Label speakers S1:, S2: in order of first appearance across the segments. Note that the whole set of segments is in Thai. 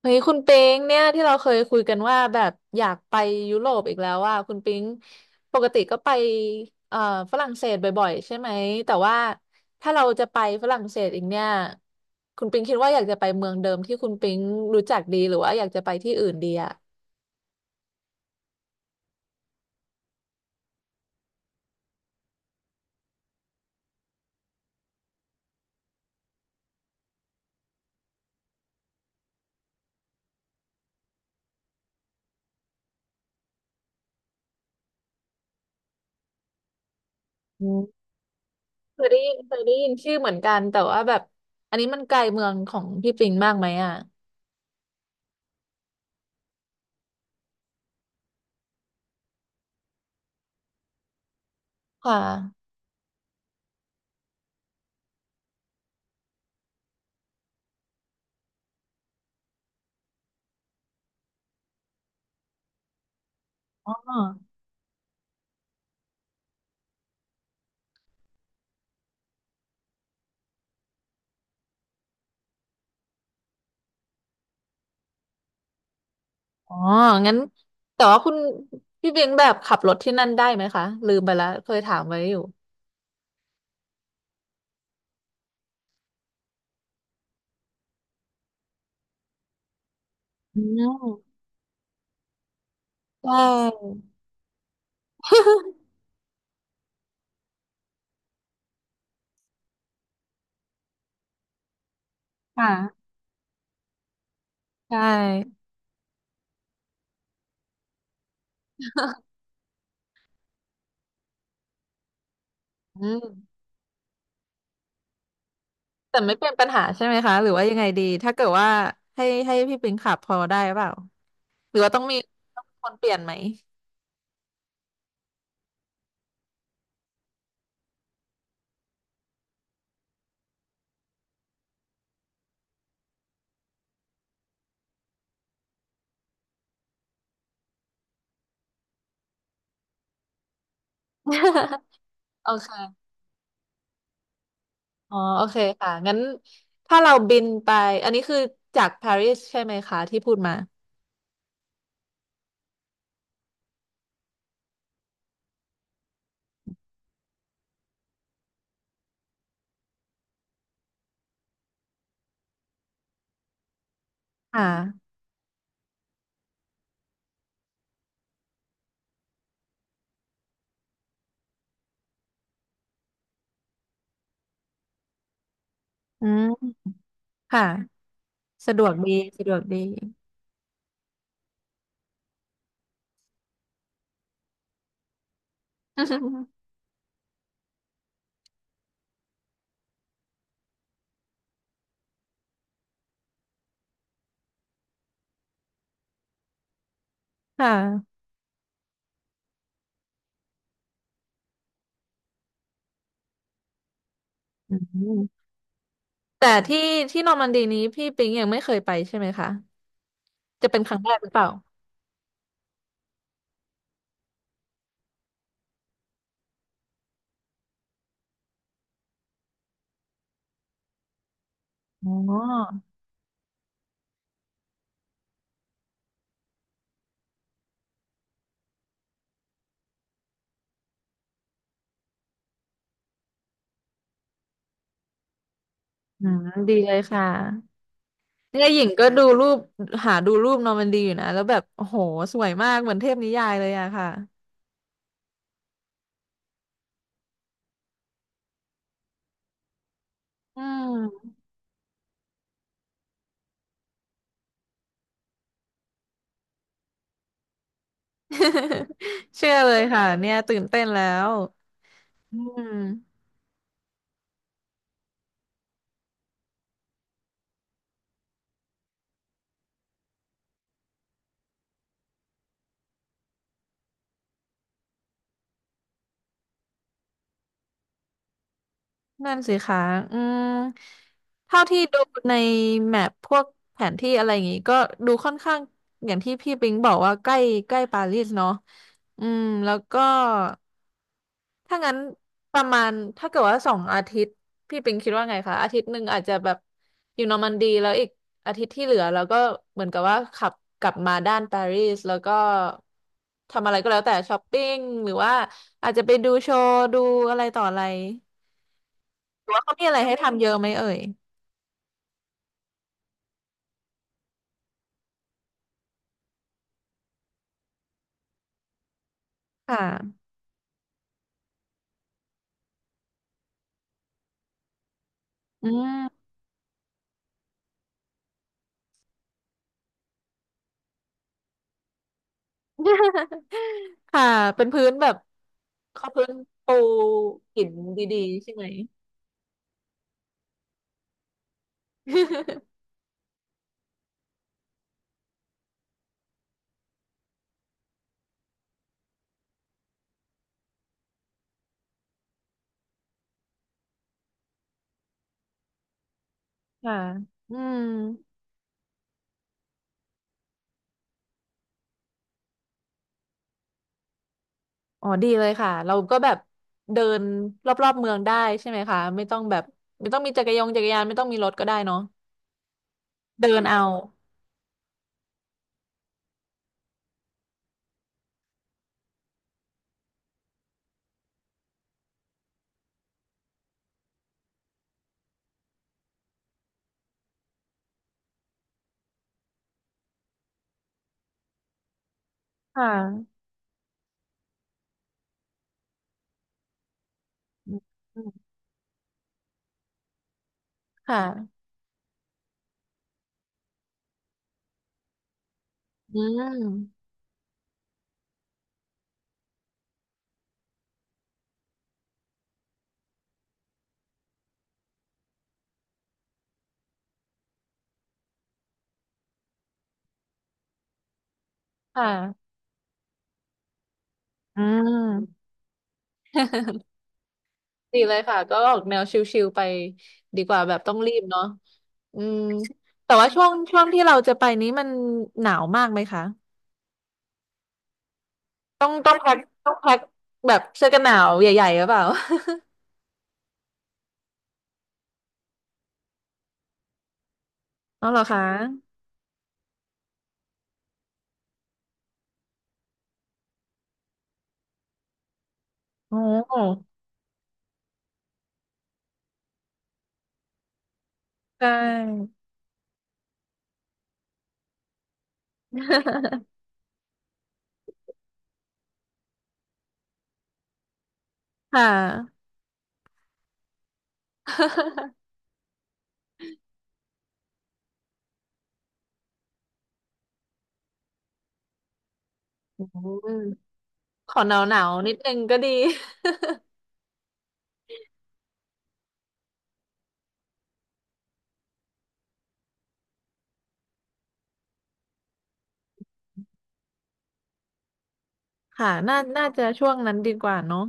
S1: เฮ้ยคุณปิงเนี่ยที่เราเคยคุยกันว่าแบบอยากไปยุโรปอีกแล้วว่าคุณปิงปกติก็ไปเอ่อฝรั่งเศสบ่อยๆใช่ไหมแต่ว่าถ้าเราจะไปฝรั่งเศสอีกเนี่ยคุณปิงคิดว่าอยากจะไปเมืองเดิมที่คุณปิงรู้จักดีหรือว่าอยากจะไปที่อื่นดีอ่ะอืมเคยได้ยินชื่อเหมือนกันแต่ว่าแบบอันนี้มันไกลเมืองของพี่ปิงมากไหมอ่ะค่ะอ๋อ อ๋องั้นแต่ว่าคุณพี่เบงแบบขับรถที่นั่นได้ไหมคะลืมไปแล้วเคยถามไว้อยู่อืมใช่ ค่ะใช่อืมแต่ไม่เป็นปัญหาใช่ไหมคะหรือว่ายังไงดีถ้าเกิดว่าให้พี่เบงขับพอได้เปล่าหรือว่าต้องมีคนเปลี่ยนไหม โอเคอ๋อโอเคค่ะงั้นถ้าเราบินไปอันนี้คือจากปารีสใช่ไหมคะที่พูดมาค่ะอืมค่ะสะดวกดีสะดวกดี ค่ะอืมแต่ที่นอร์มันดีนี้พี่ปิงยังไม่เคยไปใช่ไหมคะจะเป็นครั้งแรกหรือเปล่าอ๋ออืมดีเลยค่ะเนี่ยหญิงก็ดูรูปหาดูรูปนอร์มันดีอยู่นะแล้วแบบโอ้โหสวยมากเหมือนเทพนิยายเลยอะค่ะอืม เชื่อเลยค่ะเนี่ยตื่นเต้นแล้วอืม นั่นสิคะอืมเท่าที่ดูในแมพพวกแผนที่อะไรอย่างงี้ก็ดูค่อนข้างอย่างที่พี่ปิงบอกว่าใกล้ใกล้ปารีสเนาะอืมแล้วก็ถ้างั้นประมาณถ้าเกิดว่าสองอาทิตย์พี่ปิงคิดว่าไงคะอาทิตย์หนึ่งอาจจะแบบอยู่นอร์มันดีแล้วอีกอาทิตย์ที่เหลือแล้วก็เหมือนกับว่าขับกลับมาด้านปารีสแล้วก็ทำอะไรก็แล้วแต่ช้อปปิ้งหรือว่าอาจจะไปดูโชว์ดูอะไรต่ออะไร หรือว่าเขามีอะไรให้ทำเยอะไหมเอ่ยค่ะอืม ค่ะเป็นพื้นแบบเขาพื้นปูหินดีๆใช่ไหม ค่ะอืมอ๋อดีเลยค่ะเราก็แบบเดินรอบๆเมืองได้ใช่ไหมคะไม่ต้องแบบไม่ต้องมีจักรยงจักรยานไม่ต้องมีรถก็ได้เนาะเดินเอาค่ะอืมค่ะอืมค่ะอืม ดีเลยค่ะก็ออกแนวชิลๆไปดีกว่าแบบต้องรีบเนาะอืมแต่ว่าช่วงที่เราจะไปนี้มันหนาวมากไหมคะต้องแพ็คต้องแพ็คแบบเสื้อกันหนาวใหญ่ๆหรือเปล่า อ๋อเหรอคะโอ้ใช่ ค่ะ อืมขอหนาวๆนิดนึงก็ดีค่ะน่าน่าจะช่วงนั้นดีกว่าเนาะ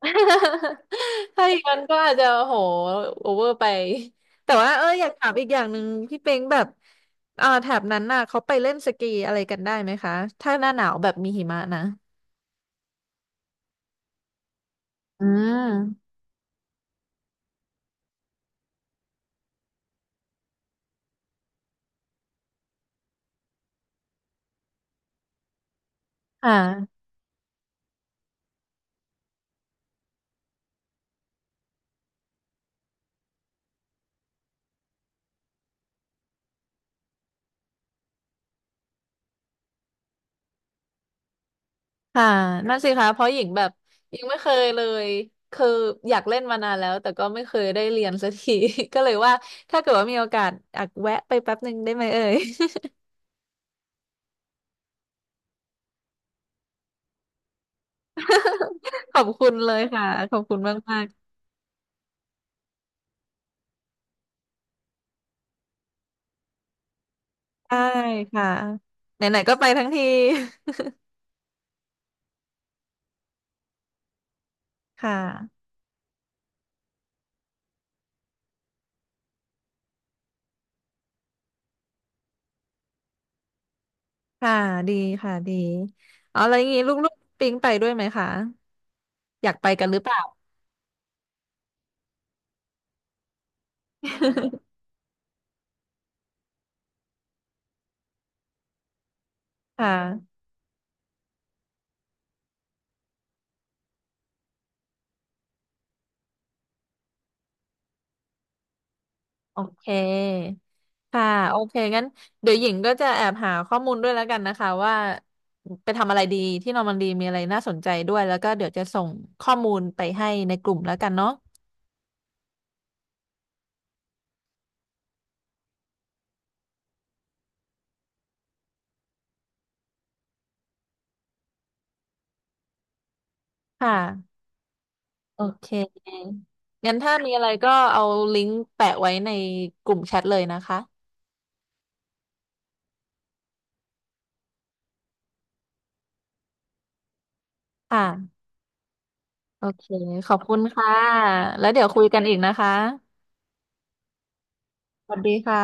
S1: ถ้าอย่างนั้นก็อาจจะโหโอเวอร์ไปแต่ว่าเอออยากถามอีกอย่างหนึ่งพี่เป็งแบบแถบนั้นน่ะเขาไปเล่นสกีอะไรกันได้ไหมคะถ้าหน้าหนาวแบบมีหิมะนะอืมค่ะค่ะนั่นสิคะเพราะหญิงแบบยังไม่เคยเลยคืออยากเล่นมานานแล้วแต่ก็ไม่เคยได้เรียนสักที ก็เลยว่าถ้าเกิดว่ามีโอกาสอยากแวะไปแป๊บหนึ่งได้ไหมเอ่ย ขอบคุณเลยค่ะขอบคุณมากๆได้ค่ะไหนๆก็ไปทั้งที ค่ะค่ะดีค่ะดีอ๋อแล้วอย่างงี้ลูกๆปิ๊งไปด้วยไหมคะอยากไปกันหรือเปล่า ค่ะโอเคค่ะโอเคงั้นเดี๋ยวหญิงก็จะแอบหาข้อมูลด้วยแล้วกันนะคะว่าไปทำอะไรดีที่นอร์มันดีมีอะไรน่าสนใจด้วยแล้วก็เดี๋ยวจะส่งข้อมูลไปให้ในกลุ่มแล้วกันเนาะค่ะโอเคงั้นถ้ามีอะไรก็เอาลิงก์แปะไว้ในกลุ่มแชทเลยนะคะค่ะ โอเคขอบคุณค่ะ แล้วเดี๋ยวคุยกันอีกนะคะ สวัสดีค่ะ